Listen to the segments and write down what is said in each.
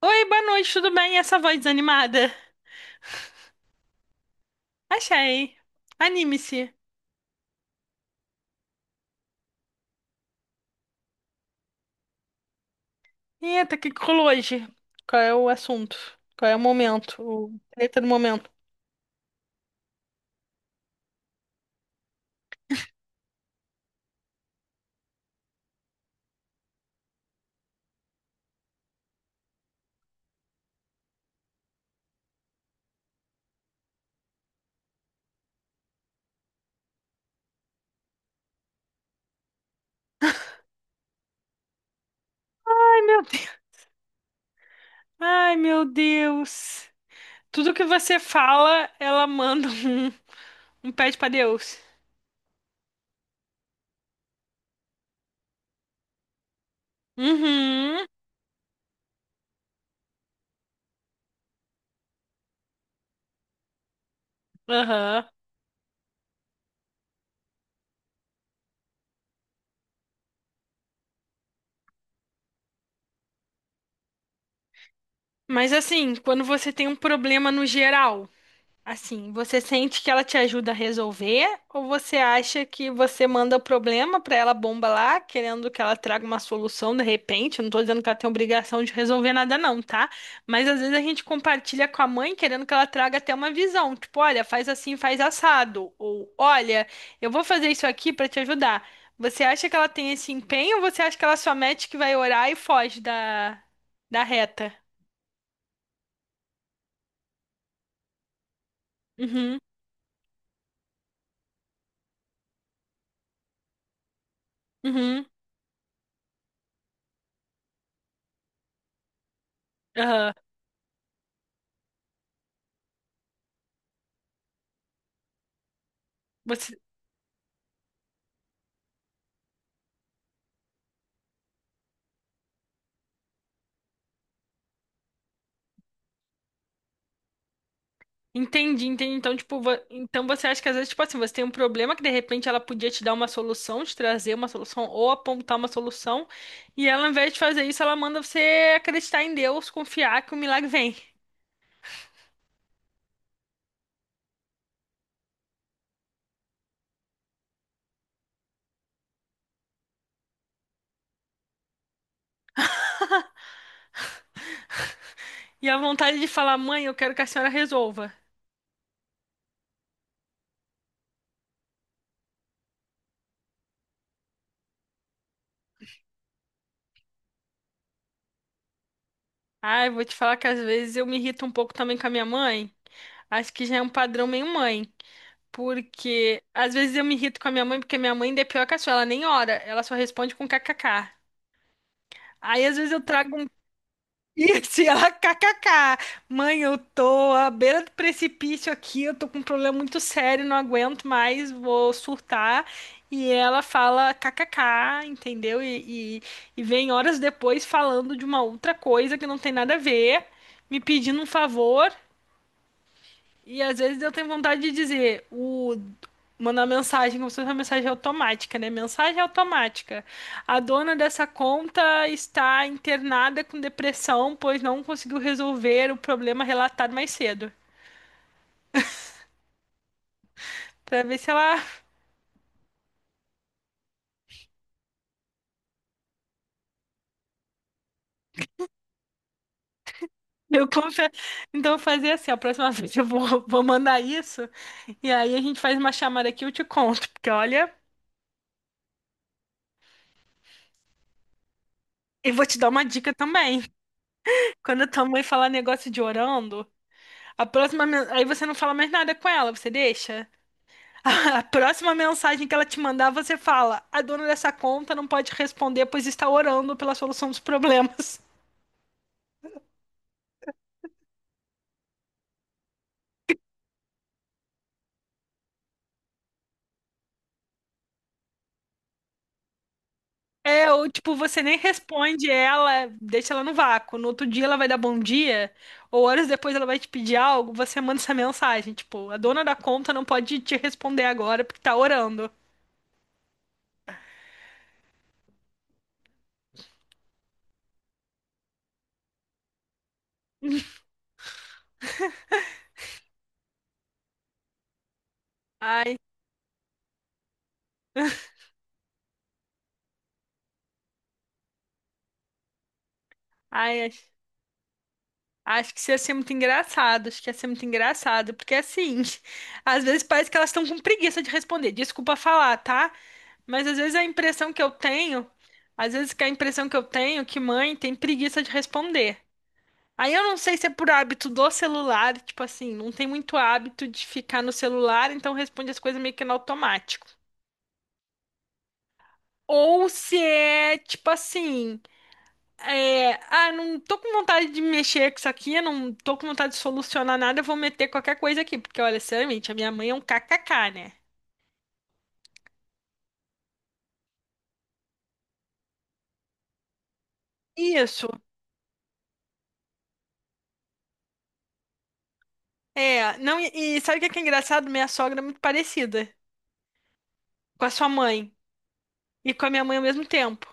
Oi, boa noite, tudo bem? E essa voz desanimada? Achei. Anime-se. Eita, o que que rolou hoje? Qual é o assunto? Qual é o momento? O treta do momento. Ai, meu Deus. Ai, meu Deus. Tudo que você fala, ela manda um, pede pra Deus. Uhum. Aham. Mas assim, quando você tem um problema no geral. Assim, você sente que ela te ajuda a resolver ou você acha que você manda o problema pra ela bomba lá, querendo que ela traga uma solução de repente? Eu não tô dizendo que ela tem obrigação de resolver nada não, tá? Mas às vezes a gente compartilha com a mãe querendo que ela traga até uma visão, tipo, olha, faz assim, faz assado, ou olha, eu vou fazer isso aqui pra te ajudar. Você acha que ela tem esse empenho ou você acha que ela só mete que vai orar e foge da reta? Uhum. Uhum. Aham. Você Entendi, entendi. Então, tipo, então você acha que às vezes, tipo assim, você tem um problema que de repente ela podia te dar uma solução, te trazer uma solução ou apontar uma solução, e ela, ao invés de fazer isso, ela manda você acreditar em Deus, confiar que o milagre vem. E a vontade de falar, mãe, eu quero que a senhora resolva. Ai, vou te falar que às vezes eu me irrito um pouco também com a minha mãe. Acho que já é um padrão meio mãe. Porque às vezes eu me irrito com a minha mãe, porque minha mãe ainda é pior que a sua, ela nem ora, ela só responde com kkk. Aí às vezes eu trago. E assim, ela, kkk, mãe, eu tô à beira do precipício aqui, eu tô com um problema muito sério, não aguento mais, vou surtar. E ela fala kkk, entendeu? E vem horas depois falando de uma outra coisa que não tem nada a ver, me pedindo um favor. E às vezes eu tenho vontade de dizer, o mandar mensagem, como se fosse uma mensagem automática, né? Mensagem automática. A dona dessa conta está internada com depressão, pois não conseguiu resolver o problema relatado mais cedo. Pra ver se ela. Eu confio. Então, eu vou fazer assim: a próxima vez eu vou mandar isso. E aí a gente faz uma chamada aqui e eu te conto. Porque olha, e vou te dar uma dica também. Quando a tua mãe falar negócio de orando, aí você não fala mais nada com ela, você deixa? A próxima mensagem que ela te mandar, você fala: a dona dessa conta não pode responder, pois está orando pela solução dos problemas. É, ou tipo, você nem responde ela, deixa ela no vácuo. No outro dia ela vai dar bom dia, ou horas depois ela vai te pedir algo, você manda essa mensagem, tipo, a dona da conta não pode te responder agora porque tá orando. Ai, acho que isso ia ser muito engraçado, acho que ia ser muito engraçado, porque assim, às vezes parece que elas estão com preguiça de responder. Desculpa falar, tá? Mas às vezes a impressão que eu tenho, às vezes que a impressão que eu tenho é que mãe tem preguiça de responder. Aí eu não sei se é por hábito do celular, tipo assim, não tem muito hábito de ficar no celular, então responde as coisas meio que no automático. Ou se é tipo assim, é, ah, não tô com vontade de mexer com isso aqui, eu não tô com vontade de solucionar nada, eu vou meter qualquer coisa aqui, porque olha, sinceramente, a minha mãe é um kkk, né? Isso. É, não, e sabe o que é engraçado? Minha sogra é muito parecida com a sua mãe. E com a minha mãe ao mesmo tempo.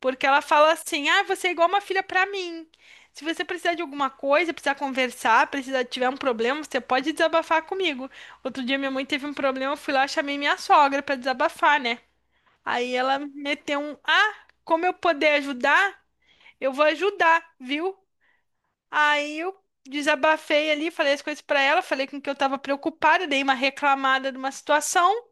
Porque ela fala assim: ah, você é igual uma filha pra mim. Se você precisar de alguma coisa, precisar conversar, precisar tiver um problema, você pode desabafar comigo. Outro dia minha mãe teve um problema, eu fui lá, chamei minha sogra pra desabafar, né? Aí ela meteu um: ah, como eu poder ajudar? Eu vou ajudar, viu? Aí eu desabafei ali, falei as coisas pra ela, falei com que eu tava preocupada, dei uma reclamada de uma situação.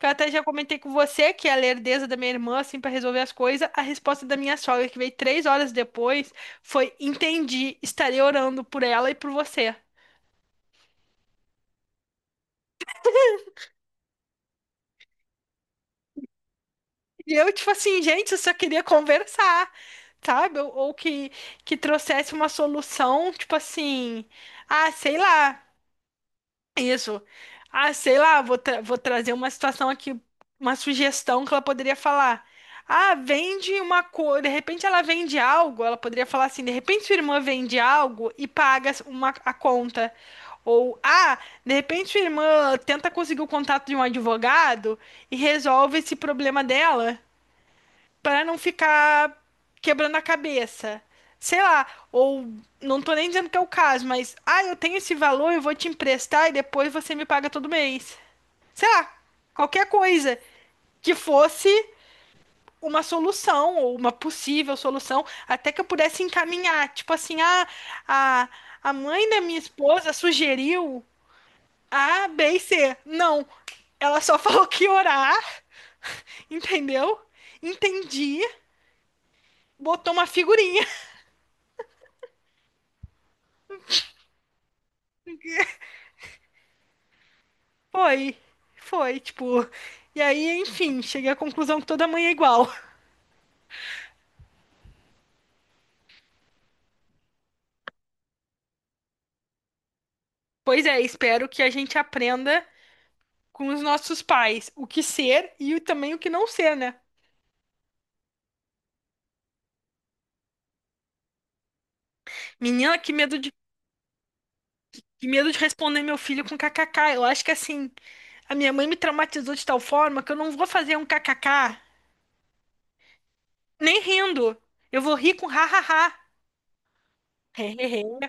Que eu até já comentei com você que a lerdeza da minha irmã, assim, pra resolver as coisas, a resposta da minha sogra, que veio 3 horas depois, foi: entendi, estarei orando por ela e por você. E eu, tipo assim, gente, eu só queria conversar, sabe? Ou, que trouxesse uma solução, tipo assim, ah, sei lá. Isso. Ah, sei lá, vou trazer uma situação aqui, uma sugestão que ela poderia falar. Ah, vende uma coisa, de repente ela vende algo, ela poderia falar assim, de repente sua irmã vende algo e paga uma, a conta. Ou, ah, de repente sua irmã tenta conseguir o contato de um advogado e resolve esse problema dela. Pra não ficar quebrando a cabeça. Sei lá, ou não tô nem dizendo que é o caso, mas ah, eu tenho esse valor, eu vou te emprestar e depois você me paga todo mês. Sei lá, qualquer coisa que fosse uma solução ou uma possível solução, até que eu pudesse encaminhar, tipo assim, ah, a a mãe da minha esposa sugeriu A, B e C. Não, ela só falou que ia orar, entendeu? Entendi, botou uma figurinha. Foi, foi, tipo. E aí, enfim, cheguei à conclusão que toda mãe é igual. Pois é, espero que a gente aprenda com os nossos pais o que ser e também o que não ser, né? Menina, que medo de responder meu filho com kkk. Eu acho que assim, a minha mãe me traumatizou de tal forma que eu não vou fazer um kkk nem rindo. Eu vou rir com hahaha. Hehehe.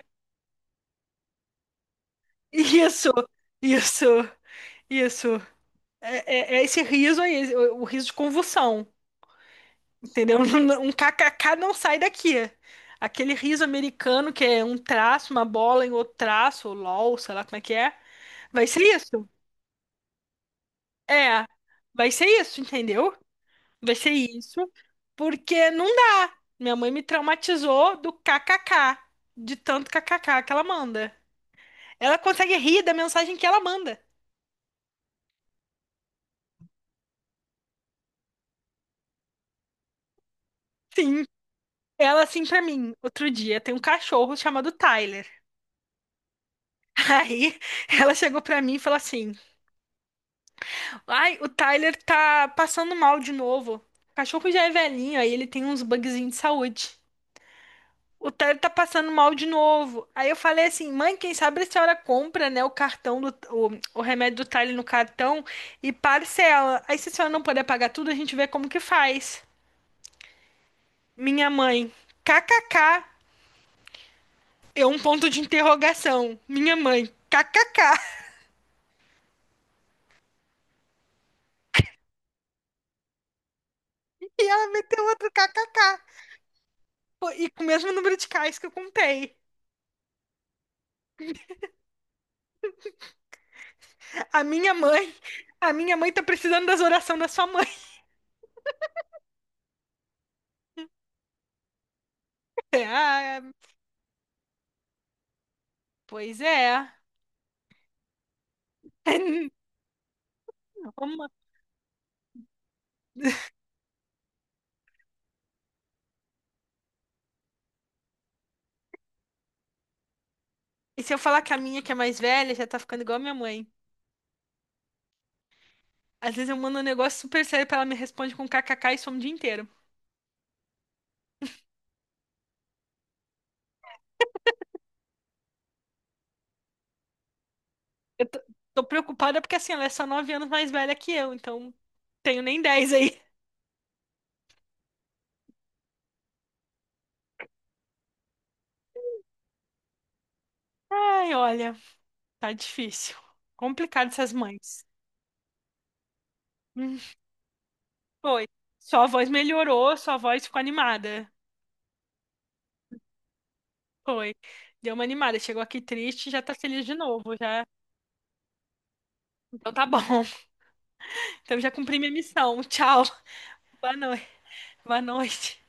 Isso, isso, isso. É esse riso aí, o riso de convulsão. Entendeu? Um kkk não sai daqui. Aquele riso americano que é um traço, uma bola em outro traço, ou LOL, sei lá como é que é. Vai ser isso. É, vai ser isso, entendeu? Vai ser isso, porque não dá. Minha mãe me traumatizou do kkk, de tanto kkk que ela manda. Ela consegue rir da mensagem que ela manda. Sim. Ela assim pra mim, outro dia, tem um cachorro chamado Tyler. Aí ela chegou pra mim e falou assim: ai, o Tyler tá passando mal de novo. O cachorro já é velhinho, aí ele tem uns bugzinhos de saúde. O Tyler tá passando mal de novo. Aí eu falei assim, mãe, quem sabe a senhora compra, né, o cartão do, o remédio do Tyler no cartão e parcela. Aí se a senhora não puder pagar tudo, a gente vê como que faz. Minha mãe, kkk, é um ponto de interrogação. Minha mãe, kkk. E ela meteu outro kkk. Pô, e com o mesmo número de cais que eu contei. A minha mãe, a minha mãe tá precisando das orações da sua mãe. Ah, pois é. Uma- E se eu falar que a minha, que é mais velha, já tá ficando igual a minha mãe. Às vezes eu mando um negócio super sério pra ela me responde com kkk e some o dia inteiro. Eu tô, tô preocupada porque assim, ela é só 9 anos mais velha que eu, então tenho nem 10 aí. Ai, olha, tá difícil. Complicado essas mães. Hum, Foi. Sua voz melhorou, sua voz ficou animada. Foi. Deu uma animada. Chegou aqui triste, já tá feliz de novo, já. Então tá bom. Então já cumpri minha missão. Tchau. Boa noite. Boa noite.